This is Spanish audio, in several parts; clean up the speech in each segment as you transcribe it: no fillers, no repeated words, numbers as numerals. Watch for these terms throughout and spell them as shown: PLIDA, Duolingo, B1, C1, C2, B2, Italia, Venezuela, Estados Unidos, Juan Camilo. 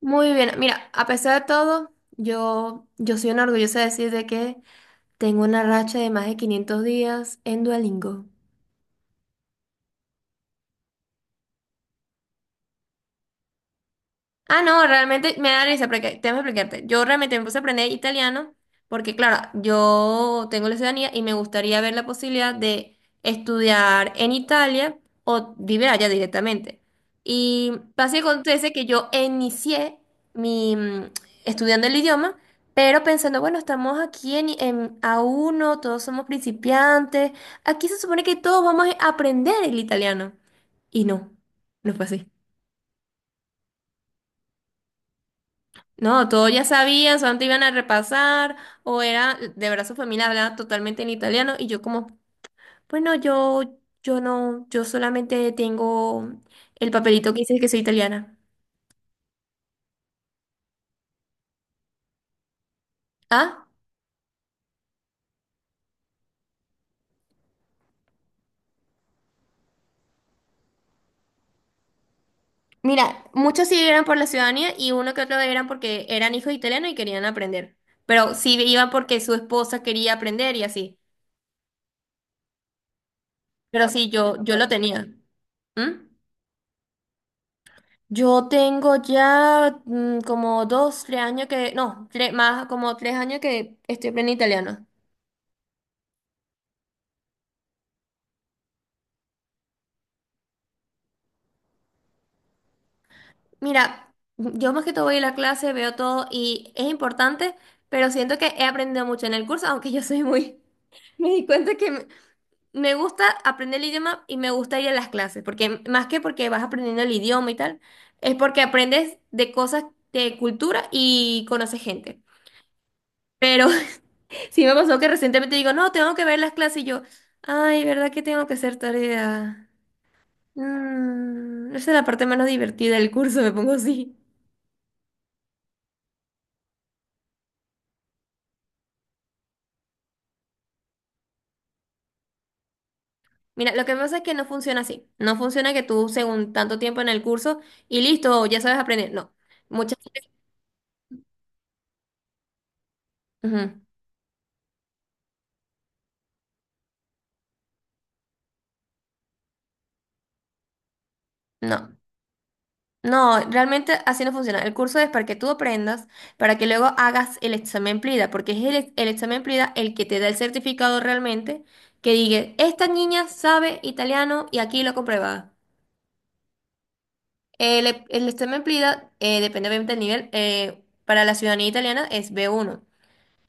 Muy bien, mira, a pesar de todo, yo soy una orgullosa de decir de que tengo una racha de más de 500 días en Duolingo. Ah, no, realmente me da risa, porque tengo que explicarte. Yo realmente me puse a aprender italiano porque, claro, yo tengo la ciudadanía y me gustaría ver la posibilidad de estudiar en Italia o vivir allá directamente. Y pasa y acontece que yo inicié mi estudiando el idioma, pero pensando, bueno, estamos aquí en a uno, todos somos principiantes, aquí se supone que todos vamos a aprender el italiano. Y no, no fue así. No, todos ya sabían, solamente iban a repasar, o era, de verdad su familia hablaba totalmente en italiano, y yo como, bueno, yo no, yo solamente tengo el papelito que dice que soy italiana. Ah, mira, muchos sí eran por la ciudadanía y uno que otro eran porque eran hijos italianos y querían aprender. Pero sí iban porque su esposa quería aprender y así. Pero sí, yo lo tenía. ¿Mm? Yo tengo ya como dos, tres años que, no, tres, más como 3 años que estoy aprendiendo italiano. Mira, yo más que todo voy a la clase, veo todo y es importante, pero siento que he aprendido mucho en el curso, aunque yo soy muy... Me di cuenta que me gusta aprender el idioma y me gusta ir a las clases, porque más que porque vas aprendiendo el idioma y tal, es porque aprendes de cosas de cultura y conoces gente. Pero sí me pasó que recientemente digo, no, tengo que ver las clases y yo, ay, ¿verdad que tengo que hacer tarea? Esa es la parte menos divertida del curso, me pongo así. Mira, lo que pasa es que no funciona así. No funciona que tú, según tanto tiempo en el curso, y listo, ya sabes aprender. No. Muchas veces. Ujú. No. No, realmente así no funciona. El curso es para que tú aprendas, para que luego hagas el examen PLIDA, porque es el, el examen PLIDA el que te da el certificado realmente, que diga, esta niña sabe italiano y aquí lo comprueba. El, el examen PLIDA, depende obviamente del nivel, para la ciudadanía italiana es B1.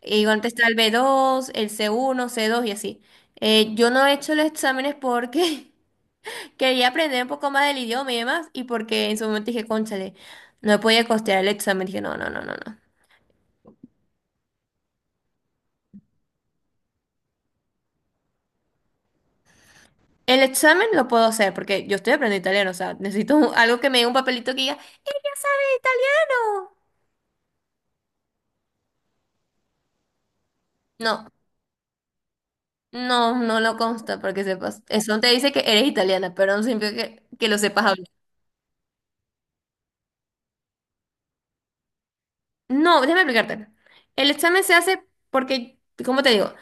Y igual está el B2, el C1, C2 y así. Yo no he hecho los exámenes porque quería aprender un poco más del idioma y demás, y porque en su momento dije, cónchale, no podía costear el examen. Dije, no, no, no, no, no. El examen lo puedo hacer porque yo estoy aprendiendo italiano, o sea, necesito algo que me dé un papelito que diga, ya sabes italiano. No, no, no lo consta porque sepas. Eso te dice que eres italiana, pero no significa que lo sepas hablar. No, déjame explicarte. El examen se hace porque, como te digo?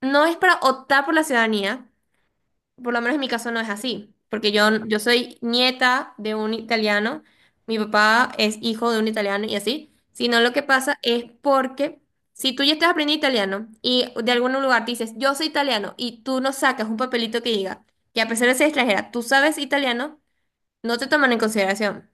No es para optar por la ciudadanía. Por lo menos en mi caso no es así, porque yo soy nieta de un italiano, mi papá es hijo de un italiano y así, sino lo que pasa es porque si tú ya estás aprendiendo italiano y de algún lugar te dices, yo soy italiano y tú no sacas un papelito que diga que a pesar de ser extranjera, tú sabes italiano, no te toman en consideración.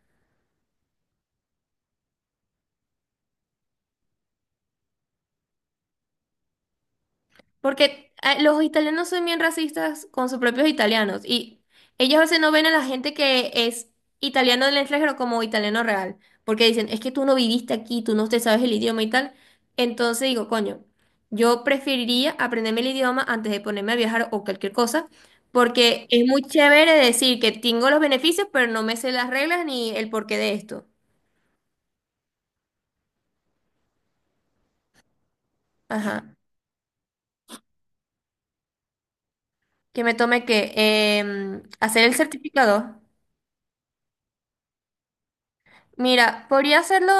Porque los italianos son bien racistas con sus propios italianos y ellos a veces no ven a la gente que es italiano del extranjero como italiano real, porque dicen, es que tú no viviste aquí, tú no te sabes el idioma y tal. Entonces digo, coño, yo preferiría aprenderme el idioma antes de ponerme a viajar o cualquier cosa, porque es muy chévere decir que tengo los beneficios, pero no me sé las reglas ni el porqué de esto. Ajá. Que me tome que hacer el certificado. Mira, podría hacerlo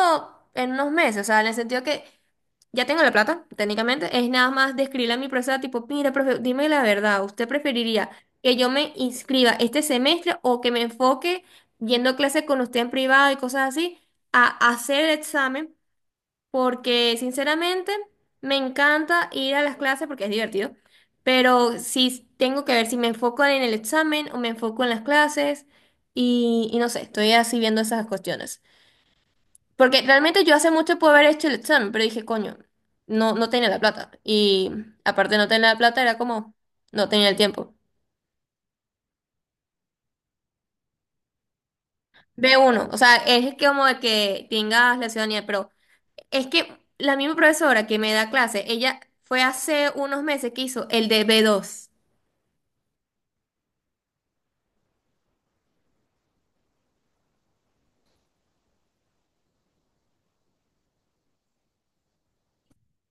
en unos meses, o sea, en el sentido que ya tengo la plata, técnicamente, es nada más de escribirle a mi profesora, tipo, mira, profe, dime la verdad, ¿usted preferiría que yo me inscriba este semestre o que me enfoque yendo a clase con usted en privado y cosas así, a hacer el examen? Porque, sinceramente, me encanta ir a las clases porque es divertido, pero si tengo que ver si me enfoco en el examen o me enfoco en las clases y no sé, estoy así viendo esas cuestiones. Porque realmente yo hace mucho pude haber hecho el examen, pero dije, coño, no, no tenía la plata. Y aparte de no tener la plata, era como, no tenía el tiempo. B1 o sea, es que como de que tengas la ciudadanía, pero es que la misma profesora que me da clase, ella fue hace unos meses que hizo el de B2.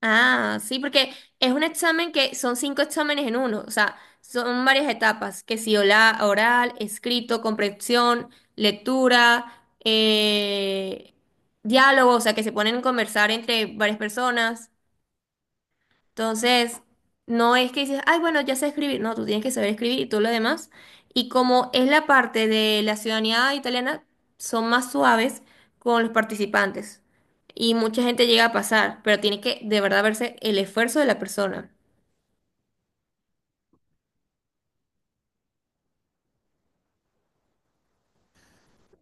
Ah, sí, porque es un examen que son cinco exámenes en uno, o sea, son varias etapas, que si oral, escrito, comprensión, lectura, diálogo, o sea, que se ponen a conversar entre varias personas. Entonces, no es que dices, ay, bueno, ya sé escribir. No, tú tienes que saber escribir y todo lo demás. Y como es la parte de la ciudadanía italiana, son más suaves con los participantes. Y mucha gente llega a pasar, pero tiene que de verdad verse el esfuerzo de la persona.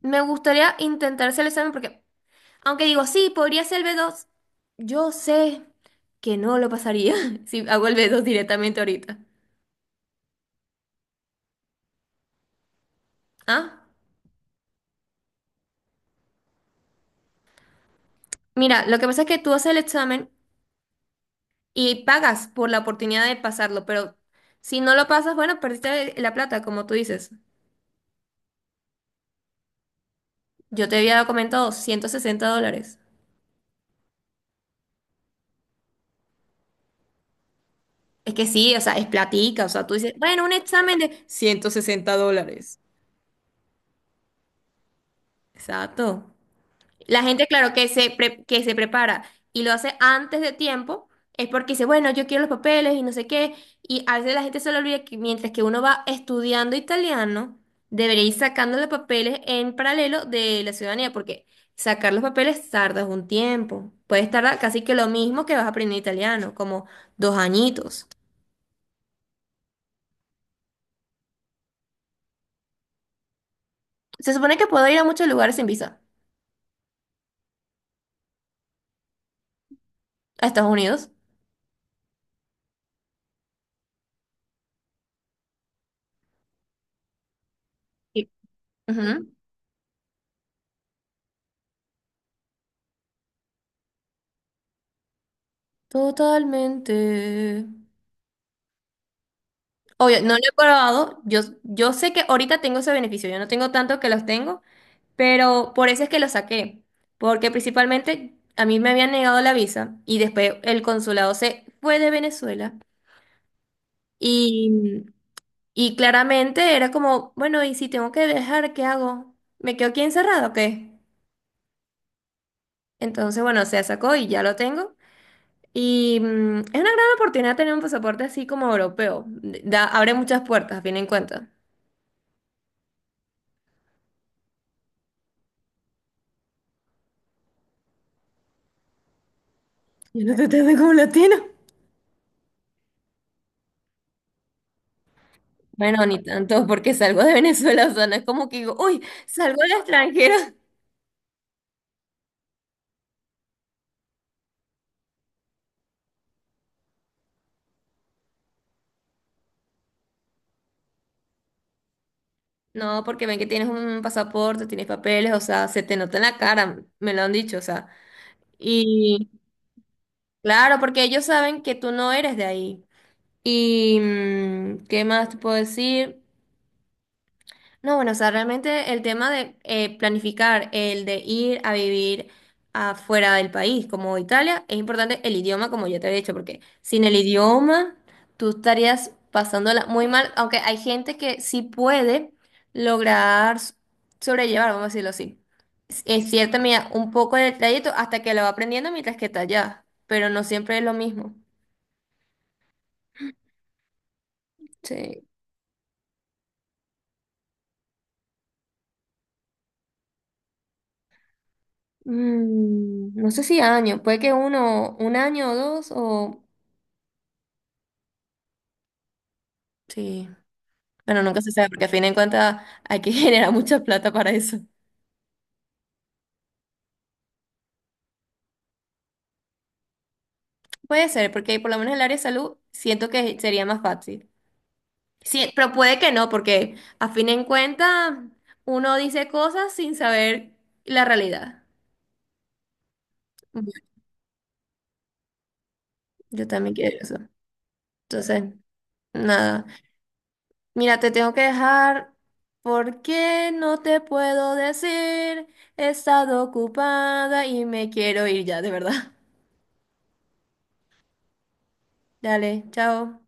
Me gustaría intentar hacer el examen porque, aunque digo, sí, podría ser el B2. Yo sé que no lo pasaría si hago el B2 directamente ahorita. Ah, mira, lo que pasa es que tú haces el examen. Y pagas por la oportunidad de pasarlo, pero si no lo pasas, bueno, perdiste la plata, como tú dices. Yo te había comentado $160. Es que sí, o sea, es platica, o sea, tú dices, bueno, un examen de $160. Exacto. La gente, claro, que se, que se prepara y lo hace antes de tiempo, es porque dice, bueno, yo quiero los papeles y no sé qué. Y a veces la gente se le olvida que mientras que uno va estudiando italiano, debería ir sacando los papeles en paralelo de la ciudadanía, porque sacar los papeles tardas un tiempo. Puedes tardar casi que lo mismo que vas a aprender italiano, como 2 añitos. Se supone que puedo ir a muchos lugares sin visa, a Estados Unidos. Sí. Ujú. Totalmente. Obvio, no lo he probado. Yo sé que ahorita tengo ese beneficio. Yo no tengo tanto que los tengo, pero por eso es que los saqué. Porque principalmente a mí me habían negado la visa y después el consulado se fue de Venezuela. Y, y claramente era como, bueno, ¿y si tengo que dejar, qué hago? ¿Me quedo aquí encerrado o qué? Entonces, bueno, se sacó y ya lo tengo. Y es una gran oportunidad tener un pasaporte así como europeo. Da, abre muchas puertas, a fin en cuenta. Yo no te tengo como latino. Bueno, ni tanto, porque salgo de Venezuela, o sea, no es como que digo, uy, salgo del extranjero. No, porque ven que tienes un pasaporte, tienes papeles, o sea, se te nota en la cara, me lo han dicho, o sea. Y claro, porque ellos saben que tú no eres de ahí. ¿Y qué más te puedo decir? No, bueno, o sea, realmente el tema de planificar el de ir a vivir afuera del país, como Italia, es importante el idioma, como ya te he dicho, porque sin el idioma tú estarías pasándola muy mal, aunque hay gente que sí puede lograr sobrellevar, vamos a decirlo así, en cierta medida un poco el trayecto hasta que lo va aprendiendo mientras que está allá, pero no siempre es lo mismo. Sí. No sé si años, puede que uno, un año o dos o... Sí. Bueno, nunca se sabe, porque a fin de cuentas hay que generar mucha plata para eso. Puede ser, porque por lo menos el área de salud siento que sería más fácil. Sí, pero puede que no, porque a fin de cuentas uno dice cosas sin saber la realidad. Yo yo también quiero eso. Entonces, nada. Mira, te tengo que dejar porque no te puedo decir. He estado ocupada y me quiero ir ya, de verdad. Dale, chao.